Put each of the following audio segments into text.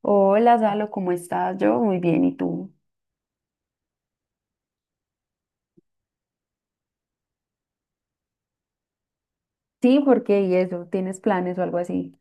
Hola, Salo, ¿cómo estás? Yo muy bien, ¿y tú? Sí, por qué y eso, ¿tienes planes o algo así?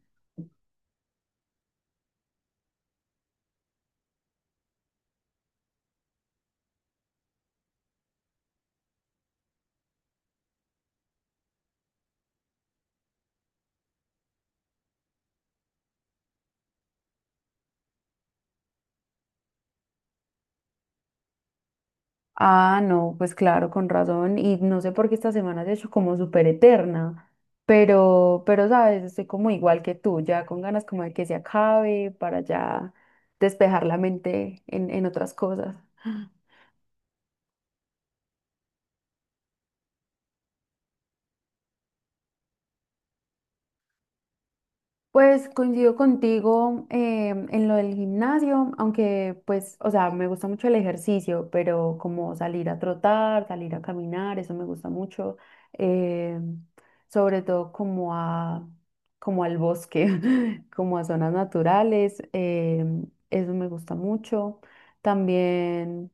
Ah, no, pues claro, con razón. Y no sé por qué esta semana se ha hecho como súper eterna, pero, sabes, estoy como igual que tú, ya con ganas como de que se acabe para ya despejar la mente en otras cosas. Pues coincido contigo en lo del gimnasio, aunque pues, o sea, me gusta mucho el ejercicio, pero como salir a trotar, salir a caminar, eso me gusta mucho, eh, sobre todo como al bosque, como a zonas naturales, eso me gusta mucho. También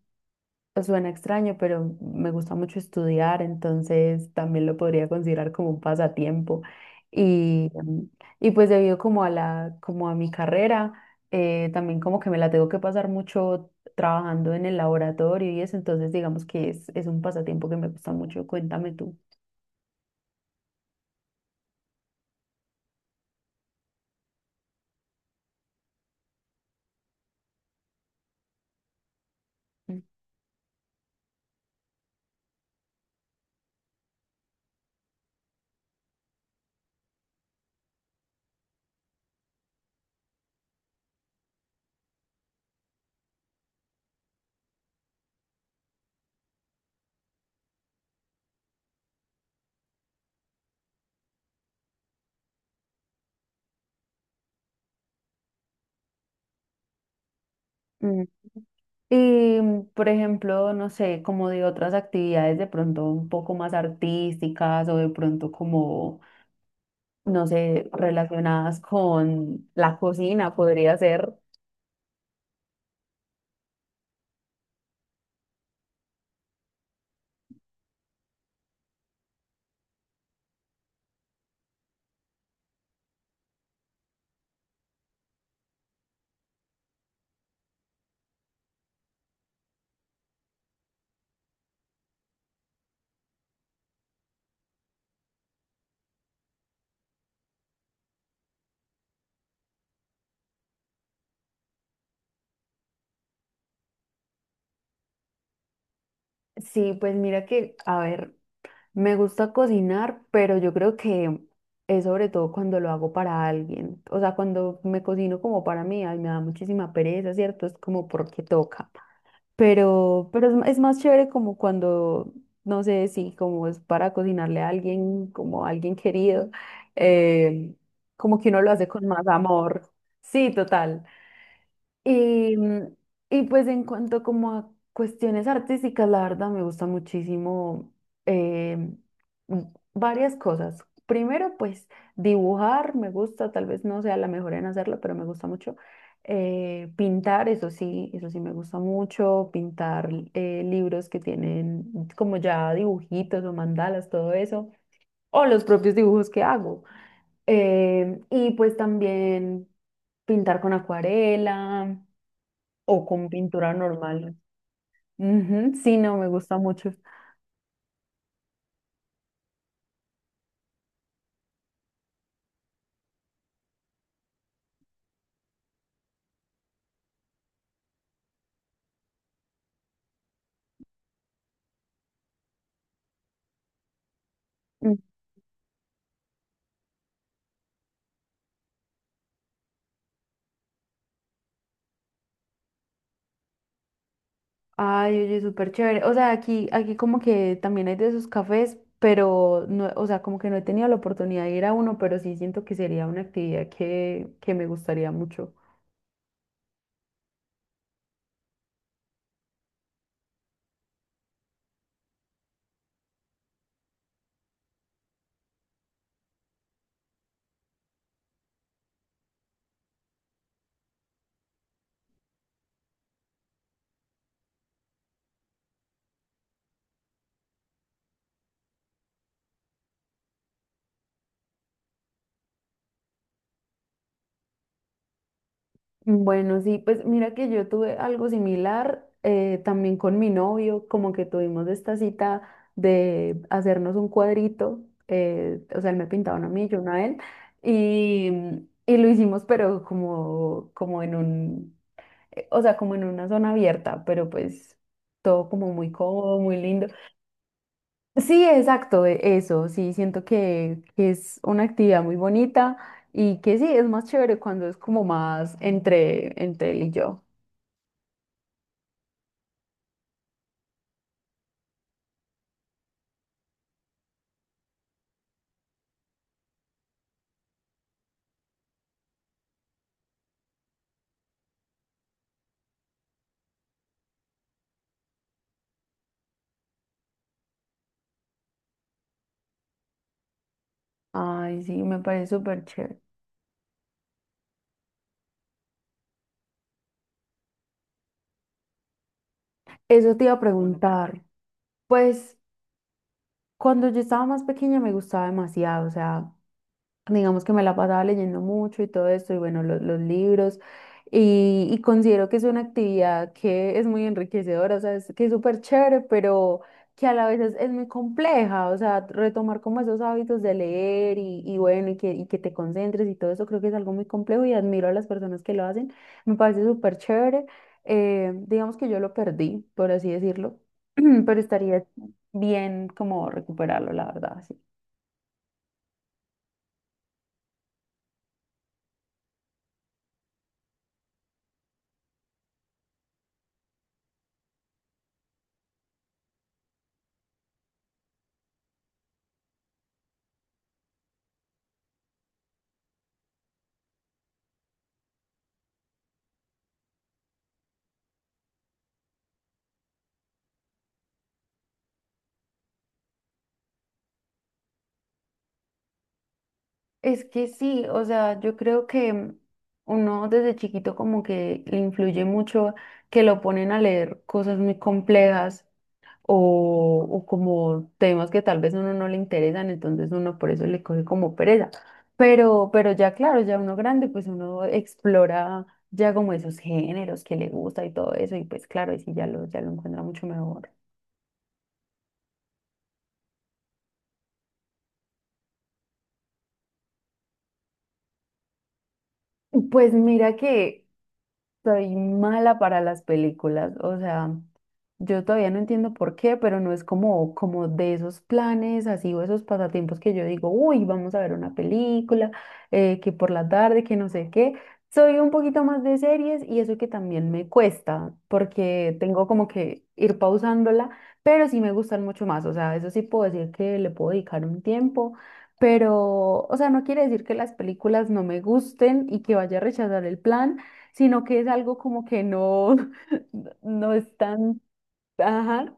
pues, suena extraño, pero me gusta mucho estudiar, entonces también lo podría considerar como un pasatiempo. Y, mm, y pues debido como a mi carrera, también como que me la tengo que pasar mucho trabajando en el laboratorio y eso, entonces digamos que es un pasatiempo que me gusta mucho. Cuéntame tú. Mm. Por ejemplo, no sé, como de otras actividades de pronto un poco más artísticas o de pronto como no sé, relacionadas con la cocina, podría ser. Sí, pues mira que, a ver, me gusta cocinar, pero yo creo que es sobre todo cuando lo hago para alguien. O sea, cuando me cocino como para mí, ay, me da muchísima pereza, ¿cierto? Es como porque toca. Pero, es más chévere como cuando, no sé, si como es para cocinarle a alguien, como a alguien querido, eh, como que uno lo hace con más amor. Sí, total. Y, mm, y pues en cuanto como a cuestiones artísticas, la verdad me gusta muchísimo eh, mm, varias cosas. Primero, pues dibujar me gusta, tal vez no sea la mejor en hacerlo, pero me gusta mucho. Pintar, eso sí me gusta mucho. Pintar libros que tienen como ya dibujitos o mandalas, todo eso o los propios dibujos que hago. Y pues también pintar con acuarela o con pintura normal. Ujú, sí, no, me gusta mucho. Mm. Ay, oye, súper chévere. O sea, aquí como que también hay de esos cafés, pero no, o sea, como que no he tenido la oportunidad de ir a uno, pero sí siento que sería una actividad que me gustaría mucho. Bueno, sí, pues mira que yo tuve algo similar también con mi novio, como que tuvimos esta cita de hacernos un cuadrito, o sea, él me pintaba uno a mí, yo uno a él, y lo hicimos, pero como en un, o sea, como en una zona abierta, pero pues todo como muy cómodo, muy lindo. Sí, exacto, eso, sí, siento que es una actividad muy bonita y que sí, es más chévere cuando es como más entre él y yo. Ay, sí, me parece súper chévere. Eso te iba a preguntar. Pues cuando yo estaba más pequeña me gustaba demasiado, o sea, digamos que me la pasaba leyendo mucho y todo esto, y bueno, los libros, y considero que es una actividad que es muy enriquecedora, o sea, es, que es súper chévere, pero que a la vez es muy compleja, o sea, retomar como esos hábitos de leer y bueno, y que te concentres y todo eso, creo que es algo muy complejo y admiro a las personas que lo hacen, me parece súper chévere, digamos que yo lo perdí, por así decirlo, pero estaría bien como recuperarlo, la verdad, sí. Es que sí, o sea, yo creo que uno desde chiquito como que le influye mucho que lo ponen a leer cosas muy complejas o como temas que tal vez a uno no le interesan, entonces uno por eso le coge como pereza. Pero ya claro, ya uno grande, pues uno explora ya como esos géneros que le gusta y todo eso, y pues claro, y sí ya lo encuentra mucho mejor. Pues mira que soy mala para las películas, o sea, yo todavía no entiendo por qué, pero no es como, como de esos planes así o esos pasatiempos que yo digo, uy, vamos a ver una película, que por la tarde, que no sé qué. Soy un poquito más de series y eso que también me cuesta, porque tengo como que ir pausándola, pero sí me gustan mucho más, o sea, eso sí puedo decir que le puedo dedicar un tiempo. Pero, o sea, no quiere decir que las películas no me gusten y que vaya a rechazar el plan, sino que es algo como que no, no es tan... Ajá,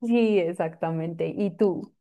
sí, exactamente. ¿Y tú?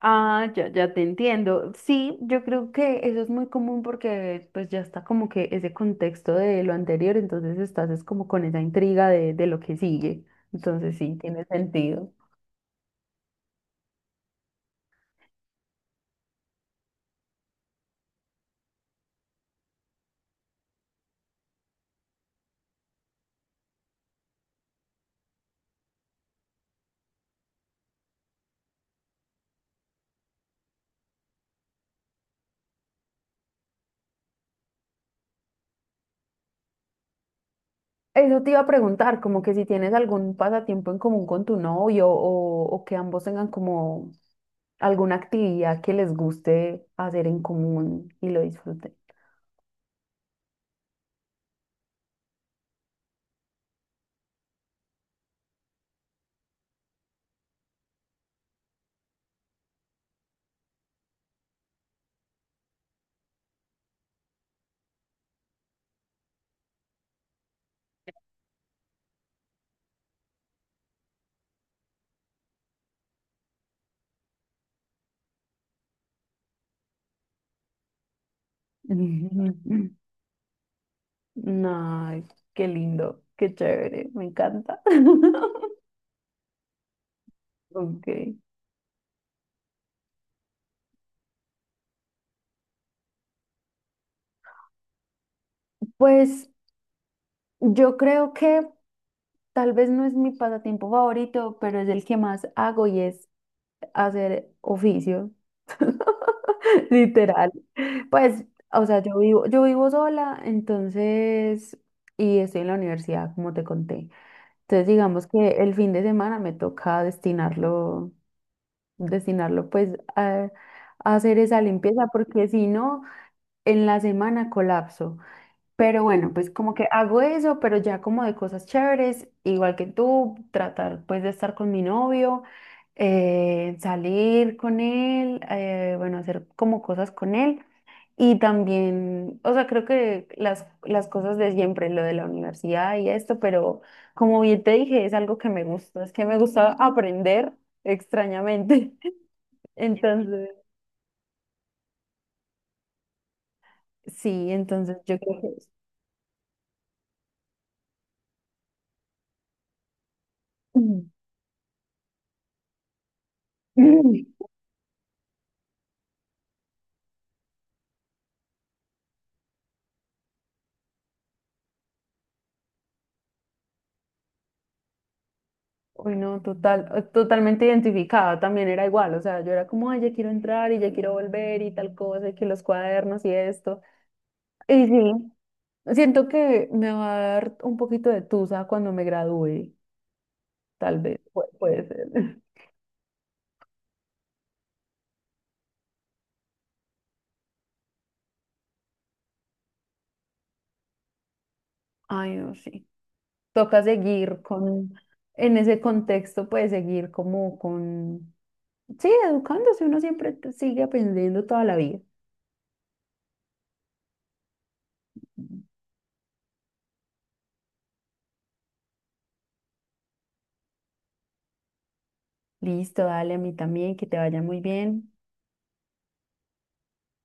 Ah, ya, ya te entiendo. Sí, yo creo que eso es muy común porque pues ya está como que ese contexto de lo anterior, entonces estás es como con esa intriga de lo que sigue. Entonces sí, tiene sentido. Eso te iba a preguntar, como que si tienes algún pasatiempo en común con tu novio o que ambos tengan como alguna actividad que les guste hacer en común y lo disfruten. Ay, qué lindo, qué chévere, me encanta. Ok. Pues yo creo que tal vez no es mi pasatiempo favorito, pero es el que más hago y es hacer oficios. Literal. Pues, o sea, yo vivo sola, entonces, y estoy en la universidad, como te conté. Entonces, digamos que el fin de semana me toca destinarlo, destinarlo pues a, a hacer esa limpieza, porque si no, en la semana colapso. Pero bueno, pues como que hago eso, pero ya como de cosas chéveres, igual que tú, tratar pues de estar con mi novio, salir con él, bueno, hacer como cosas con él. Y también, o sea, creo que las cosas de siempre, lo de la universidad y esto, pero como bien te dije, es algo que me gusta, es que me gusta aprender extrañamente. Entonces, sí, entonces yo creo que... es- Uy, no, total, totalmente identificada, también era igual, o sea, yo era como, ay, ya quiero entrar y ya quiero volver y tal cosa, y que los cuadernos y esto. Y sí, siento que me va a dar un poquito de tusa cuando me gradúe, tal vez, puede ser. Ay, no, sí. Toca seguir con, en ese contexto, pues seguir como con, sí, educándose, uno siempre sigue aprendiendo toda la vida. Listo, dale, a mí también, que te vaya muy bien.